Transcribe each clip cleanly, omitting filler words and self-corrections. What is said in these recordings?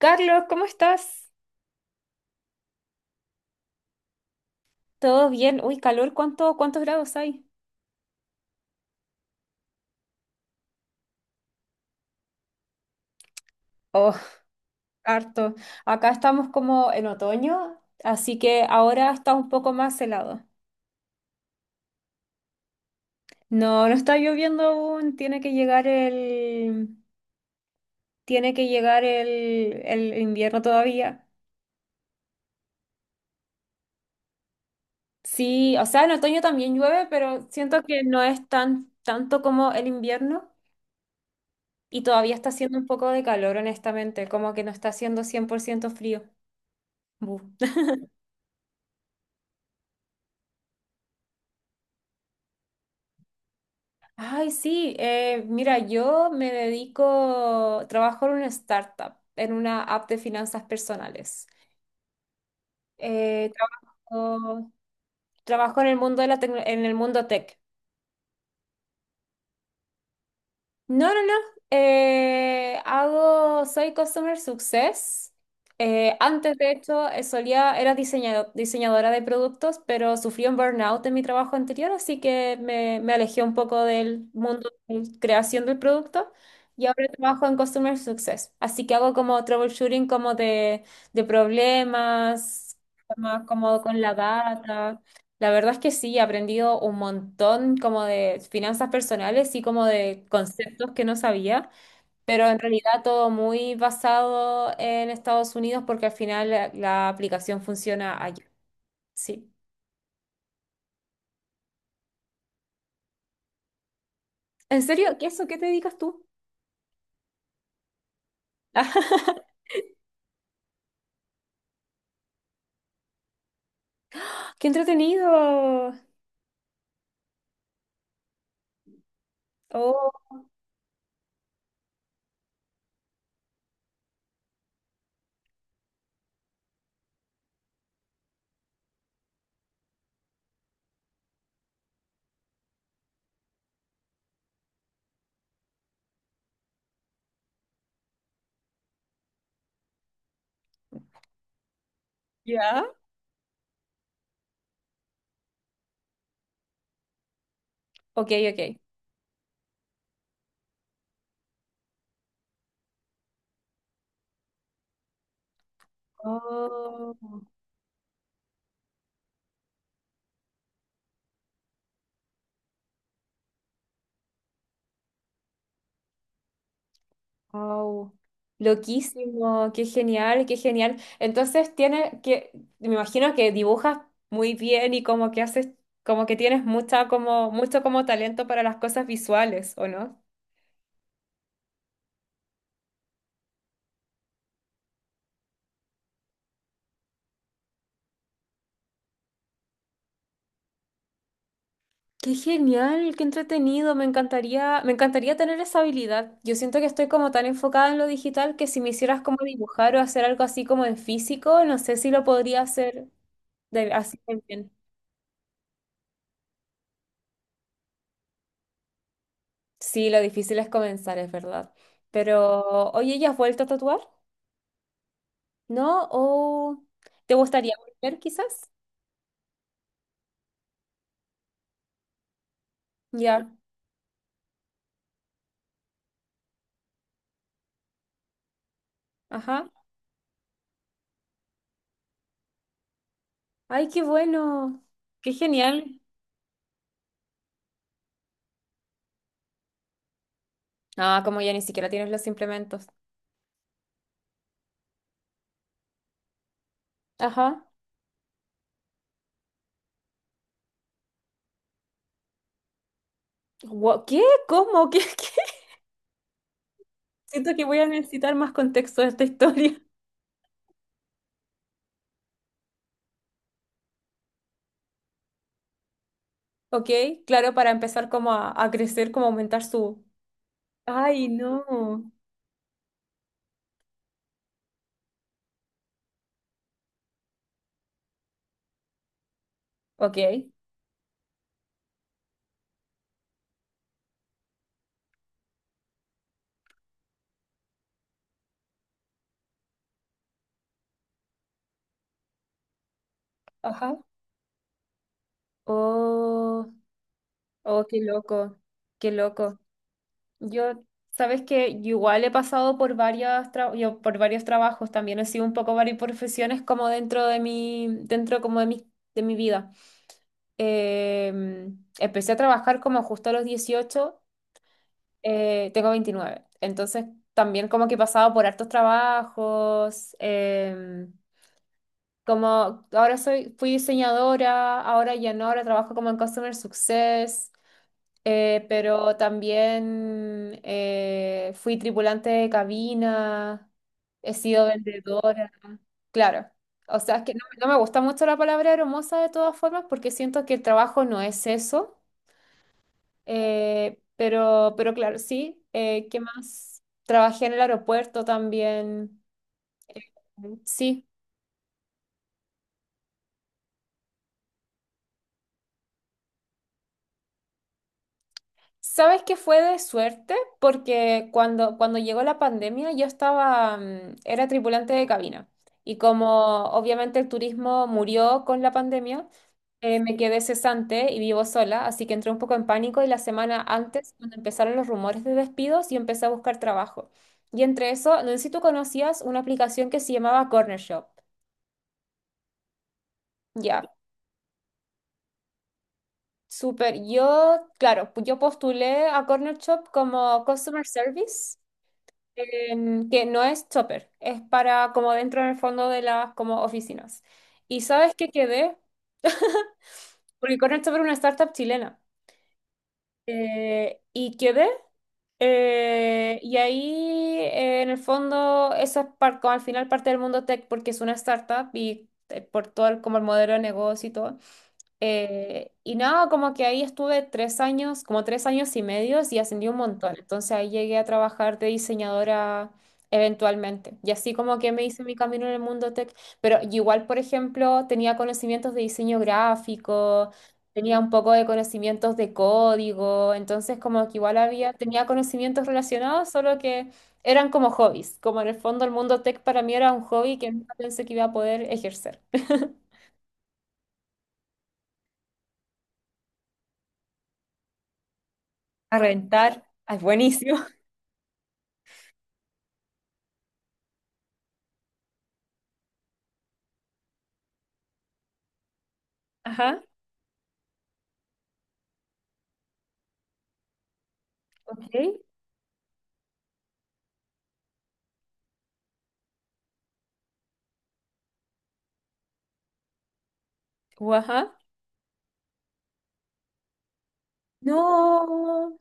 Carlos, ¿cómo estás? ¿Todo bien? Uy, calor, cuántos grados hay? Oh, harto. Acá estamos como en otoño, así que ahora está un poco más helado. No, no está lloviendo aún, tiene que llegar el invierno todavía. Sí, o sea, en otoño también llueve, pero siento que no es tanto como el invierno y todavía está haciendo un poco de calor, honestamente, como que no está haciendo 100% frío. Bu. Ay, sí, mira, yo trabajo en una startup, en una app de finanzas personales. Eh, trabajo, trabajo en el mundo de la en el mundo tech. No, no, no. Soy Customer Success. Antes, de hecho, era diseñadora de productos, pero sufrí un burnout en mi trabajo anterior, así que me alejé un poco del mundo de creación del producto y ahora trabajo en Customer Success. Así que hago como troubleshooting como de problemas, como con la data. La verdad es que sí, he aprendido un montón como de finanzas personales y como de conceptos que no sabía, pero en realidad todo muy basado en Estados Unidos porque al final la aplicación funciona allá. Sí. ¿En serio? ¿Qué eso? ¿Qué te dedicas tú? ¡Qué entretenido! Oh, ¿ya? Ok, ok. Oh. Wow, loquísimo, qué genial, qué genial. Me imagino que dibujas muy bien y como que haces, como que tienes mucha, como, mucho como talento para las cosas visuales, ¿o no? Qué genial, qué entretenido, me encantaría tener esa habilidad. Yo siento que estoy como tan enfocada en lo digital que si me hicieras como dibujar o hacer algo así como en físico, no sé si lo podría hacer así de bien. Sí, lo difícil es comenzar, es verdad. Pero, oye, ¿ya has vuelto a tatuar? ¿No? ¿O te gustaría volver quizás? Ya, ajá. Ay, qué bueno. Qué genial. Ah, como ya ni siquiera tienes los implementos. Ajá. ¿Qué? ¿Cómo? ¿Qué? ¿Qué? Siento que voy a necesitar más contexto de esta historia. Ok, claro, para empezar como a crecer, como aumentar su. Ay, no. Ok. Ajá. Oh, oh, qué loco. Qué loco. Yo, sabes que igual he pasado por varias tra- yo por varios trabajos, también he sido un poco varias profesiones como dentro de mi, dentro como de mi vida. Eh, empecé a trabajar como justo a los 18, tengo 29, entonces también como que he pasado por hartos trabajos, como ahora fui diseñadora, ahora ya no, ahora trabajo como en Customer Success. Pero también fui tripulante de cabina, he sido vendedora, claro. O sea, es que no me gusta mucho la palabra hermosa de todas formas porque siento que el trabajo no es eso. Pero claro, sí. ¿Qué más? Trabajé en el aeropuerto también. Sí. ¿Sabes qué fue de suerte? Porque cuando llegó la pandemia yo era tripulante de cabina y como obviamente el turismo murió con la pandemia, me quedé cesante y vivo sola, así que entré un poco en pánico y la semana antes, cuando empezaron los rumores de despidos, yo empecé a buscar trabajo. Y entre eso, no sé si tú conocías una aplicación que se llamaba Corner Shop. Ya, súper. Claro, yo postulé a Corner Shop como Customer Service. Que no es chopper, es para como dentro en el fondo de las como oficinas. Y sabes que quedé, porque Corner Chopper es una startup chilena, y quedé, y ahí en el fondo eso es como al final parte del mundo tech porque es una startup y por todo el modelo de negocio y todo. Y nada, como que ahí estuve 3 años, como 3 años y medio y ascendí un montón. Entonces ahí llegué a trabajar de diseñadora eventualmente. Y así como que me hice mi camino en el mundo tech. Pero igual, por ejemplo, tenía conocimientos de diseño gráfico, tenía un poco de conocimientos de código. Entonces como que igual tenía conocimientos relacionados, solo que eran como hobbies. Como en el fondo el mundo tech para mí era un hobby que nunca pensé que iba a poder ejercer. A reventar. Ah, es buenísimo. Ajá, ok. Ajá, no,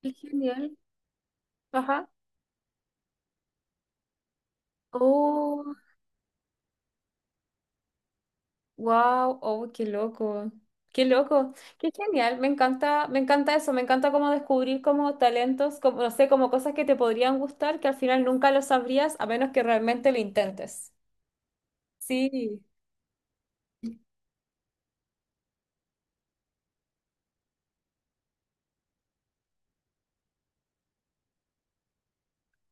qué genial. Ajá. Oh, wow, oh, qué loco. Qué loco. Qué genial. Me encanta eso. Me encanta como descubrir como talentos, como, no sé, como cosas que te podrían gustar que al final nunca lo sabrías a menos que realmente lo intentes. Sí.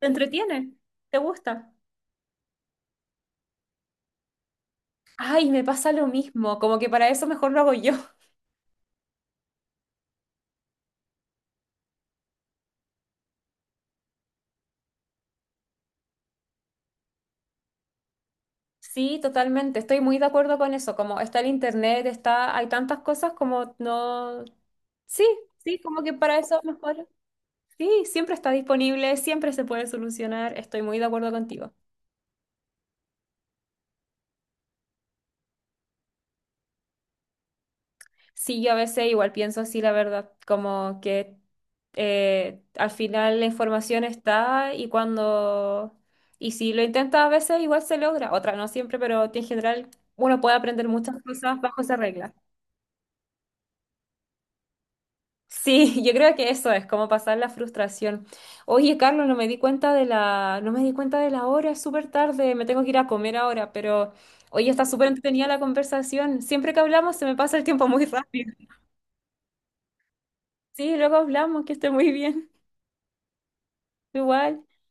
¿Te entretiene? ¿Te gusta? Ay, me pasa lo mismo. Como que para eso mejor lo hago yo. Sí, totalmente. Estoy muy de acuerdo con eso. Como está el internet, está, hay tantas cosas como no. Sí, sí, como que para eso mejor. Sí, siempre está disponible, siempre se puede solucionar. Estoy muy de acuerdo contigo. Sí, yo a veces igual pienso así, la verdad, como que al final la información está y si lo intentas a veces igual se logra. Otra no siempre, pero en general uno puede aprender muchas cosas bajo esa regla. Sí, yo creo que eso es como pasar la frustración. Oye, Carlos, no me di cuenta de la, no me di cuenta de la hora, es súper tarde, me tengo que ir a comer ahora, pero oye, está súper entretenida la conversación. Siempre que hablamos se me pasa el tiempo muy rápido. Sí, luego hablamos, que esté muy bien. Igual.